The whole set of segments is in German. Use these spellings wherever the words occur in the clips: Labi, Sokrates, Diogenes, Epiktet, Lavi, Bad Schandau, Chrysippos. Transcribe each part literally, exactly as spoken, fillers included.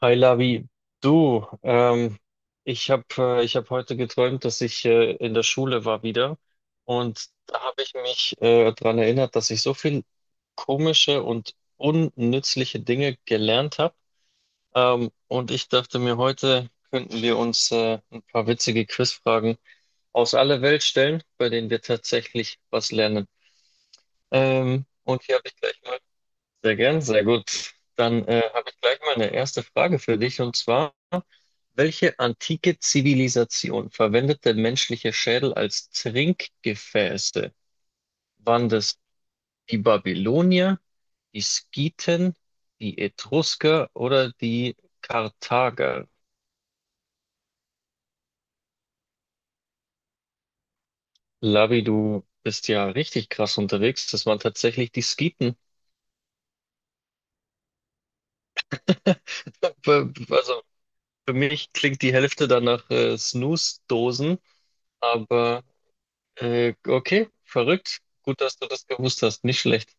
Hi Lavi, du, ähm, ich habe äh, ich hab heute geträumt, dass ich äh, in der Schule war wieder, und da habe ich mich äh, daran erinnert, dass ich so viel komische und unnützliche Dinge gelernt habe. Ähm, und ich dachte mir, heute könnten wir uns äh, ein paar witzige Quizfragen aus aller Welt stellen, bei denen wir tatsächlich was lernen. Ähm, und hier habe ich gleich mal, sehr gern, sehr gut. Dann äh, habe ich gleich mal eine erste Frage für dich und zwar. Welche antike Zivilisation verwendete menschliche Schädel als Trinkgefäße? Waren das die Babylonier, die Skythen, die Etrusker oder die Karthager? Labi, du bist ja richtig krass unterwegs. Das waren tatsächlich die Skythen. Be- Also für mich klingt die Hälfte dann nach äh, Snooze-Dosen, aber äh, okay, verrückt. Gut, dass du das gewusst hast. Nicht schlecht.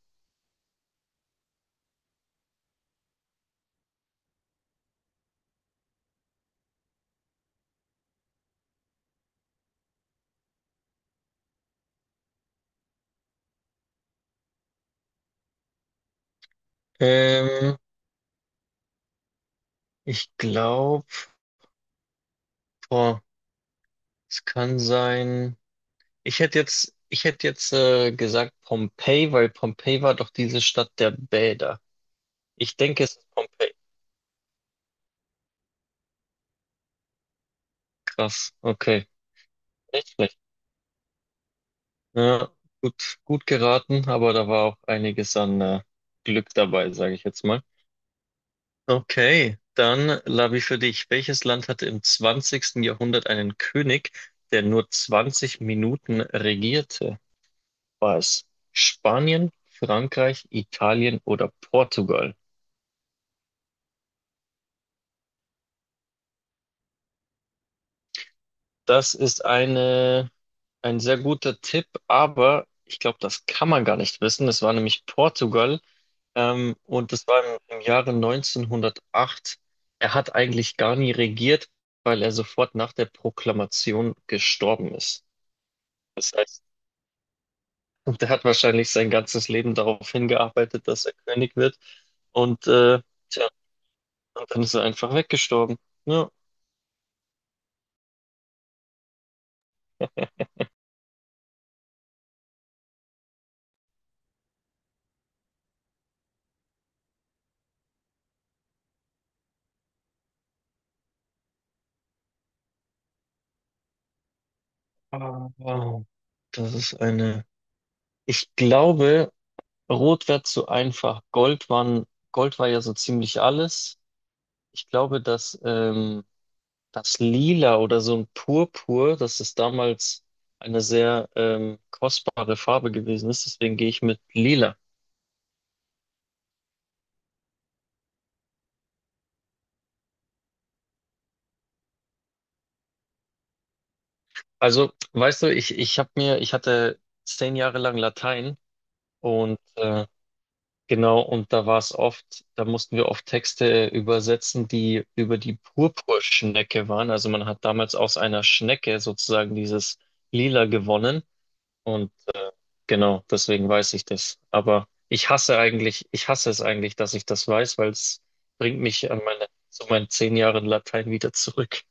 Ähm, ich glaube. Boah, es kann sein. Ich hätte jetzt, ich hätte jetzt äh, gesagt Pompeji, weil Pompeji war doch diese Stadt der Bäder. Ich denke, es ist Pompeji. Krass. Okay. Nicht schlecht. Ja, gut, gut geraten, aber da war auch einiges an äh, Glück dabei, sage ich jetzt mal. Okay, dann Lavi für dich. Welches Land hatte im zwanzigsten Jahrhundert einen König, der nur zwanzig Minuten regierte? War es Spanien, Frankreich, Italien oder Portugal? Das ist eine, ein sehr guter Tipp, aber ich glaube, das kann man gar nicht wissen. Es war nämlich Portugal, ähm, und das war im, im Jahre neunzehnhundertacht. Er hat eigentlich gar nie regiert, weil er sofort nach der Proklamation gestorben ist. Das heißt, der hat wahrscheinlich sein ganzes Leben darauf hingearbeitet, dass er König wird. Und, äh, tja, und dann ist er einfach weggestorben. Ja. Aber das ist eine. Ich glaube. Rot wäre zu einfach. Gold waren, Gold war ja so ziemlich alles. Ich glaube, dass ähm, das Lila oder so ein Purpur, dass es damals eine sehr ähm, kostbare Farbe gewesen ist. Deswegen gehe ich mit Lila. Also, weißt du, ich, ich habe mir, ich hatte zehn Jahre lang Latein und äh, genau, und da war es oft, da mussten wir oft Texte übersetzen, die über die Purpurschnecke waren. Also man hat damals aus einer Schnecke sozusagen dieses Lila gewonnen. Und äh, genau, deswegen weiß ich das. Aber ich hasse eigentlich, ich hasse es eigentlich, dass ich das weiß, weil es bringt mich an meine, zu meinen zehn Jahren Latein wieder zurück.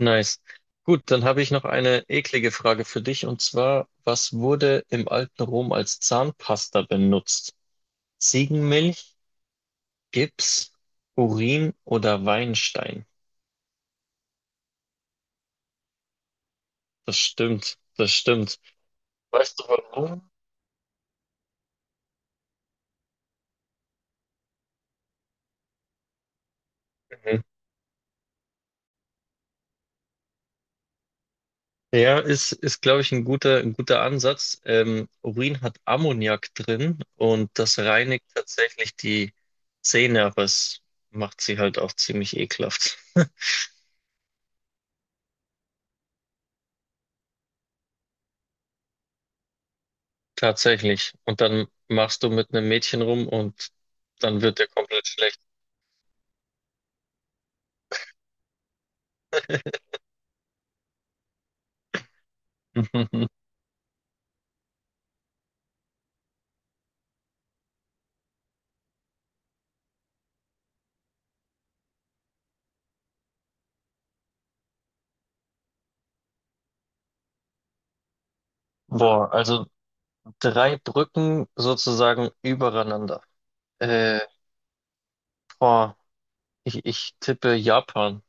Nice. Gut, dann habe ich noch eine eklige Frage für dich und zwar, was wurde im alten Rom als Zahnpasta benutzt? Ziegenmilch? Gips, Urin oder Weinstein. Das stimmt, das stimmt. Weißt du warum? Mhm. Ja, ist, ist glaube ich, ein guter, ein guter Ansatz. Ähm, Urin hat Ammoniak drin und das reinigt tatsächlich die Zähne, aber es macht sie halt auch ziemlich ekelhaft. Tatsächlich. Und dann machst du mit einem Mädchen rum und dann wird dir komplett schlecht. Boah, also drei Brücken sozusagen übereinander. Äh, boah, Ich, ich tippe Japan.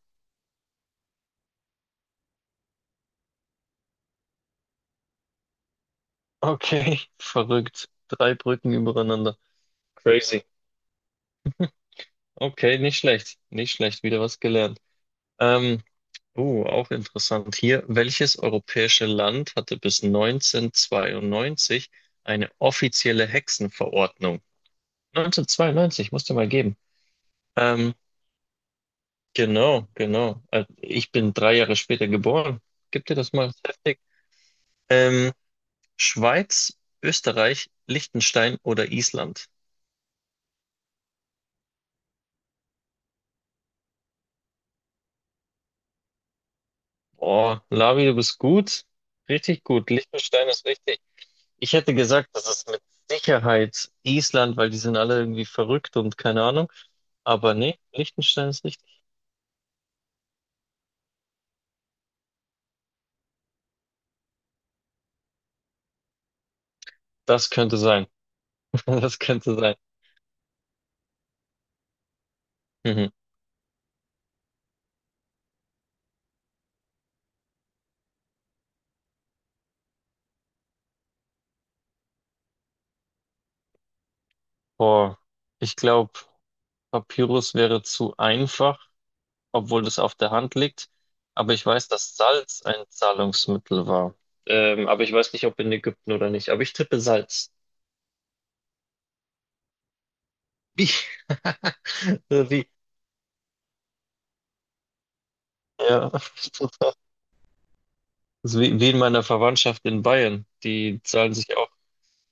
Okay, verrückt. Drei Brücken übereinander. Crazy. Okay, nicht schlecht. Nicht schlecht. Wieder was gelernt. Ähm, uh, auch interessant hier. Welches europäische Land hatte bis neunzehnhundertzweiundneunzig eine offizielle Hexenverordnung? neunzehnhundertzweiundneunzig, musst du mal geben. Ähm, genau, genau. Äh, ich bin drei Jahre später geboren. Gib dir das mal heftig. Ähm, Schweiz, Österreich, Liechtenstein oder Island? Oh, Lavi, du bist gut. Richtig gut. Liechtenstein ist richtig. Ich hätte gesagt, das ist mit Sicherheit Island, weil die sind alle irgendwie verrückt und keine Ahnung. Aber nee, Liechtenstein ist richtig. Das könnte sein. Das könnte sein. Mhm. Boah, ich glaube, Papyrus wäre zu einfach, obwohl das auf der Hand liegt. Aber ich weiß, dass Salz ein Zahlungsmittel war. Ähm, aber ich weiß nicht, ob in Ägypten oder nicht. Aber ich tippe Salz. Wie? Wie? Ja. Das ist wie wie in meiner Verwandtschaft in Bayern. Die zahlen sich auch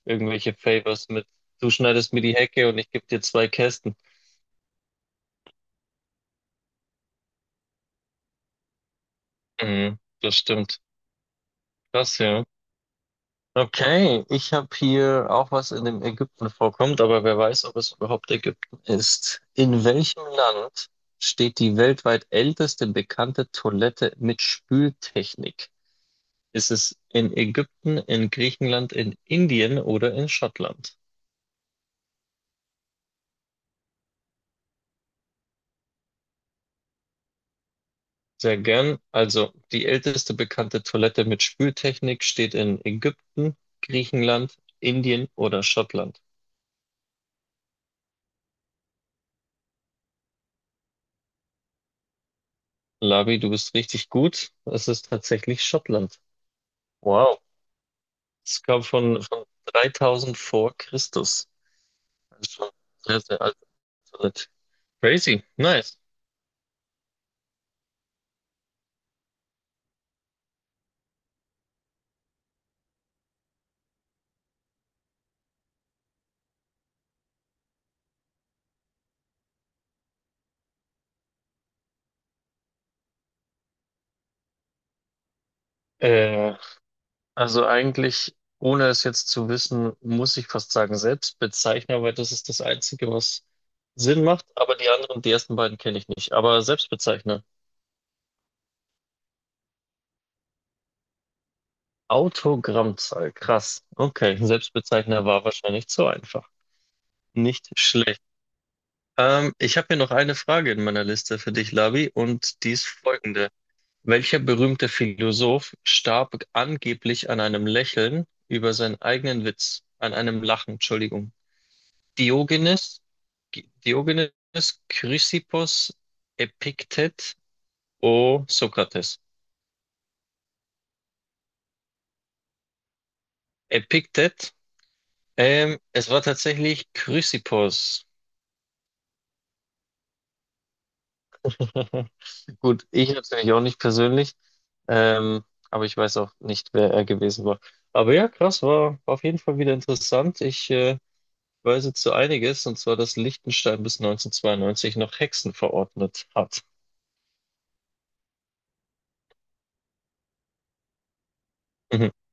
irgendwelche Favors mit. Du schneidest mir die Hecke und ich gebe dir zwei Kästen. Mhm, das stimmt. Krass, ja. Okay, ich habe hier auch was in dem Ägypten vorkommt, aber wer weiß, ob es überhaupt Ägypten ist. In welchem Land steht die weltweit älteste bekannte Toilette mit Spültechnik? Ist es in Ägypten, in Griechenland, in Indien oder in Schottland? Sehr gern. Also die älteste bekannte Toilette mit Spültechnik steht in Ägypten, Griechenland, Indien oder Schottland. Labi, du bist richtig gut. Es ist tatsächlich Schottland. Wow. Es kam von, von dreitausend vor Christus. Das ist schon sehr, sehr alte Toilette. Crazy. Nice. Äh, also eigentlich, ohne es jetzt zu wissen, muss ich fast sagen Selbstbezeichner, weil das ist das Einzige, was Sinn macht. Aber die anderen, die ersten beiden kenne ich nicht. Aber Selbstbezeichner. Autogrammzahl, krass. Okay, Selbstbezeichner war wahrscheinlich zu einfach. Nicht schlecht. Ähm, ich habe hier noch eine Frage in meiner Liste für dich, Labi, und die ist folgende. Welcher berühmte Philosoph starb angeblich an einem Lächeln über seinen eigenen Witz, an einem Lachen, Entschuldigung? Diogenes, G- Diogenes, Chrysippos, Epiktet, O Sokrates. Epiktet, ähm, es war tatsächlich Chrysippos. Gut, ich natürlich auch nicht persönlich, ähm, aber ich weiß auch nicht, wer er gewesen war. Aber ja, krass, war, war auf jeden Fall wieder interessant. Ich äh, weiß jetzt so einiges, und zwar, dass Liechtenstein bis neunzehnhundertzweiundneunzig noch Hexen verordnet hat.